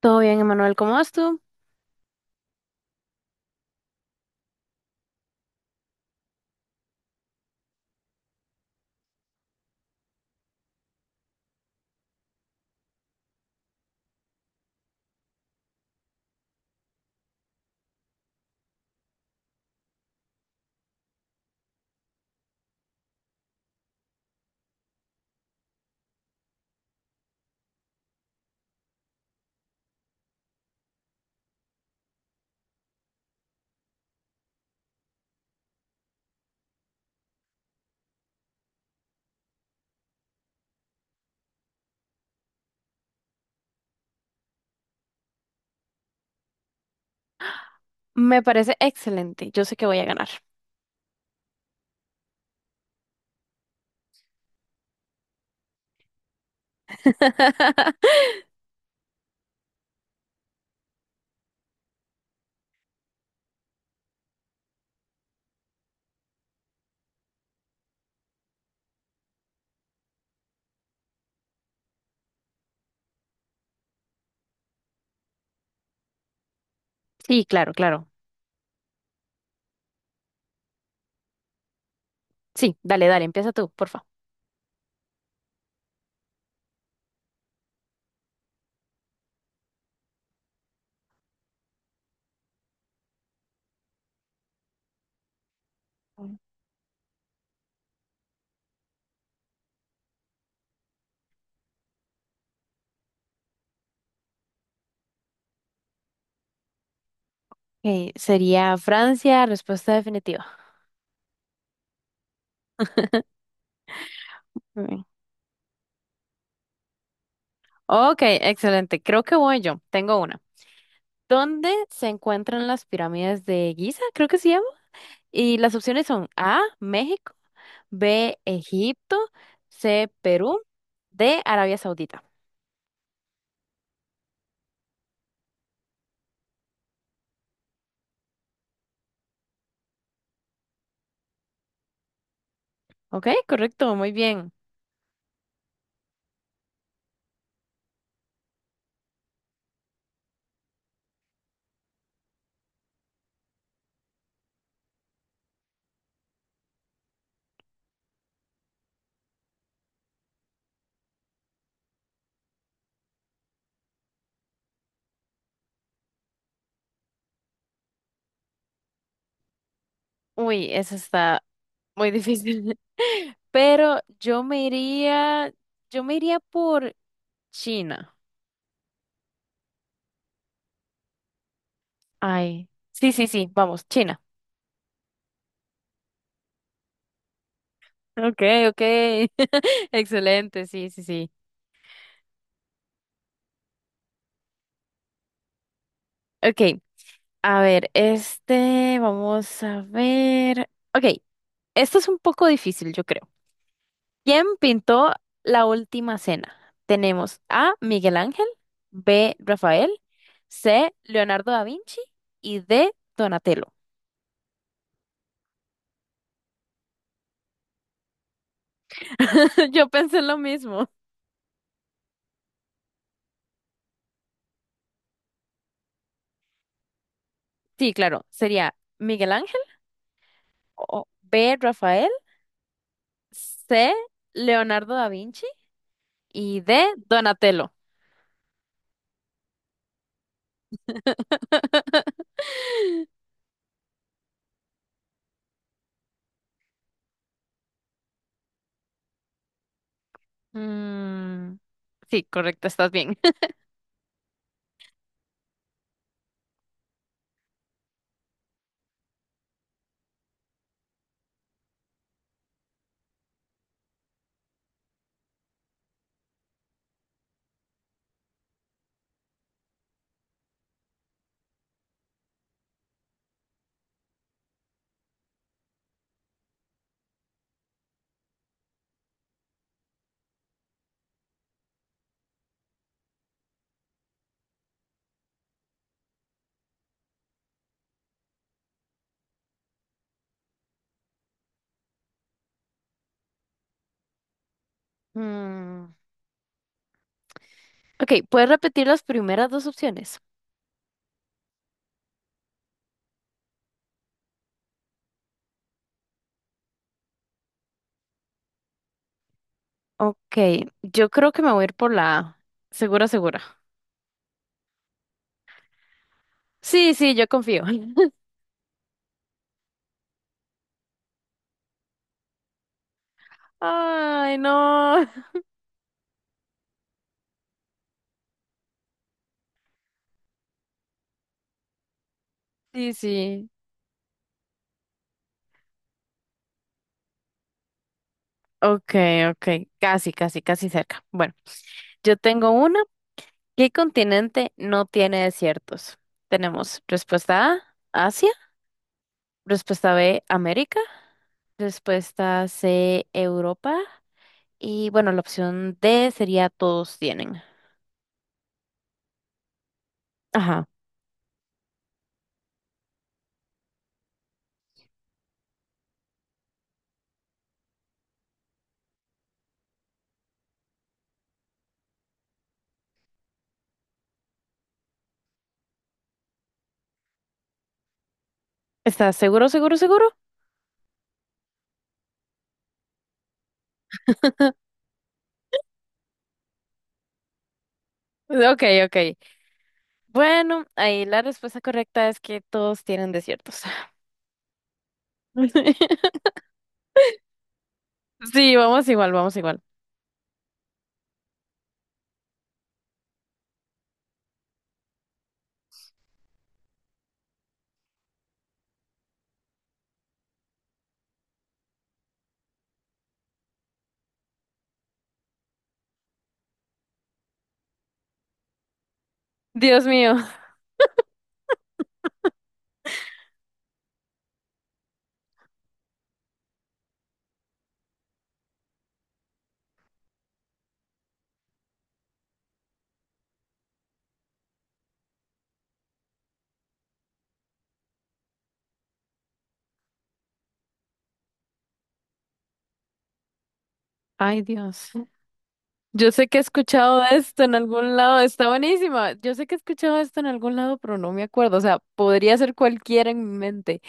Todo bien, Emanuel, ¿cómo vas tú? Me parece excelente. Yo sé que voy a ganar. Sí, claro, claro. Sí, dale, dale, empieza tú, porfa. Ok, sería Francia, respuesta definitiva. Muy ok, excelente. Creo que voy yo. Tengo una. ¿Dónde se encuentran las pirámides de Giza? Creo que se llama. Y las opciones son A, México, B, Egipto, C, Perú, D, Arabia Saudita. Ok, correcto, muy bien. Uy, esa está muy difícil. Pero yo me iría por China. Ay, sí, sí, sí, vamos, China. Ok, ok. Excelente, sí, sí, sí. Ok, a ver, vamos a ver. Ok, esto es un poco difícil, yo creo. ¿Quién pintó la última cena? Tenemos A. Miguel Ángel, B. Rafael, C. Leonardo da Vinci y D. Donatello. Yo pensé lo mismo. Sí, claro, sería Miguel Ángel, o B. Rafael, C. Leonardo da Vinci y D. Donatello. Mm, sí, correcto, estás bien. Mm, ok, ¿puedes repetir las primeras dos opciones? Ok, yo creo que me voy a ir por la A. Segura, segura. Sí, sí, yo confío. Ay, no. Sí, sí. Ok, ok. Casi, casi, casi cerca. Bueno, yo tengo una. ¿Qué continente no tiene desiertos? Tenemos respuesta A, Asia, respuesta B, América, respuesta C, Europa y bueno, la opción D sería todos tienen. Ajá. ¿Estás seguro, seguro, seguro? Ok, ok. Bueno, ahí la respuesta correcta es que todos tienen desiertos. Sí, vamos igual, vamos igual. Dios mío. Ay, Dios. Yo sé que he escuchado esto en algún lado, está buenísima. Yo sé que he escuchado esto en algún lado, pero no me acuerdo. O sea, podría ser cualquiera en mi mente.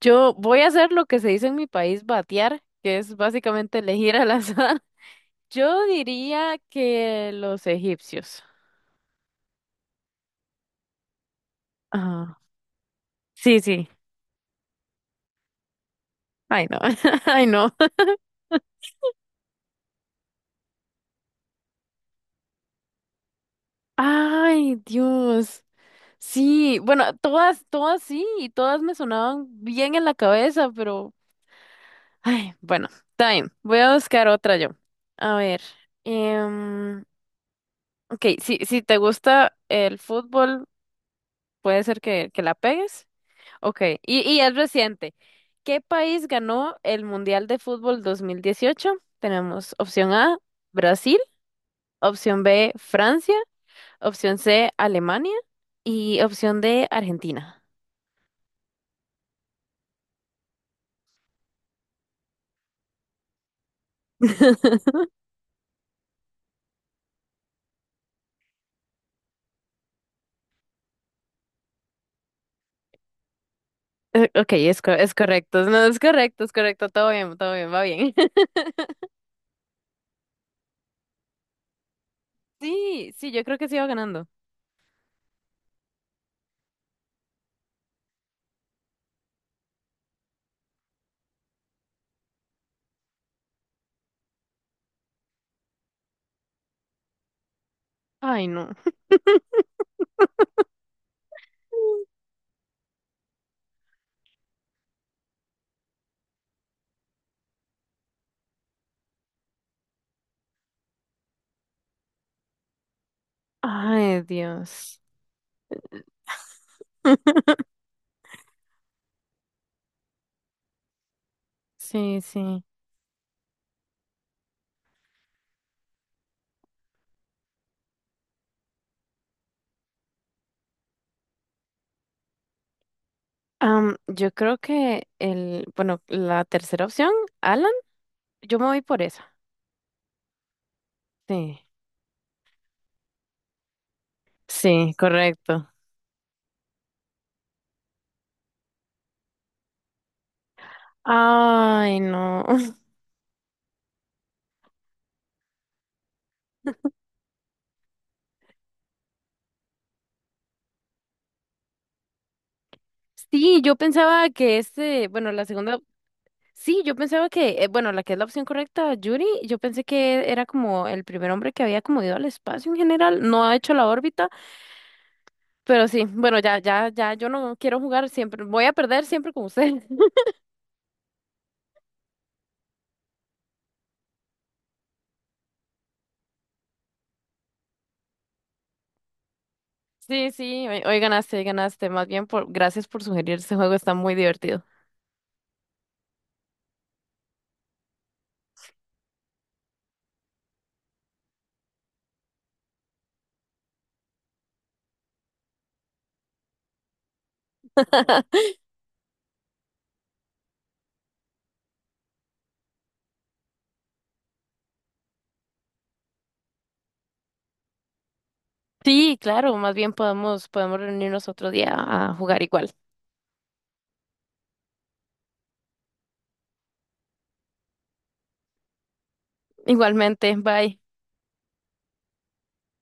Yo voy a hacer lo que se dice en mi país, batear, que es básicamente elegir al azar. Yo diría que los egipcios. Ah, sí, sí. Ay, no. Ay, no. Ay, Dios. Sí, bueno, todas, todas sí, y todas me sonaban bien en la cabeza, pero ay, bueno, está bien. Voy a buscar otra yo. A ver. em, ok, si, si te gusta el fútbol, puede ser que la pegues. Ok, y es reciente. ¿Qué país ganó el Mundial de Fútbol 2018? Tenemos opción A, Brasil, opción B, Francia, opción C, Alemania y opción D, Argentina. Ok, es, co- es correcto. No, es correcto, es correcto. Todo bien, va bien. Sí, sí, yo creo que sí va ganando. Ay, no. Ay, Dios. Sí, sí. Am, yo creo que el, bueno, la tercera opción, Alan, yo me voy por esa. Sí, sí, correcto. Ay, no. Sí, yo pensaba que bueno, la segunda, sí, yo pensaba que, bueno, la que es la opción correcta, Yuri, yo pensé que era como el primer hombre que había como ido al espacio en general, no ha hecho la órbita, pero sí, bueno, ya, ya, ya, yo no quiero jugar siempre, voy a perder siempre con usted. Sí, sí, hoy, hoy ganaste, hoy ganaste. Más bien, por, gracias por sugerir este juego, está muy divertido. Sí, claro, más bien podemos, podemos reunirnos otro día a jugar igual. Igualmente, bye.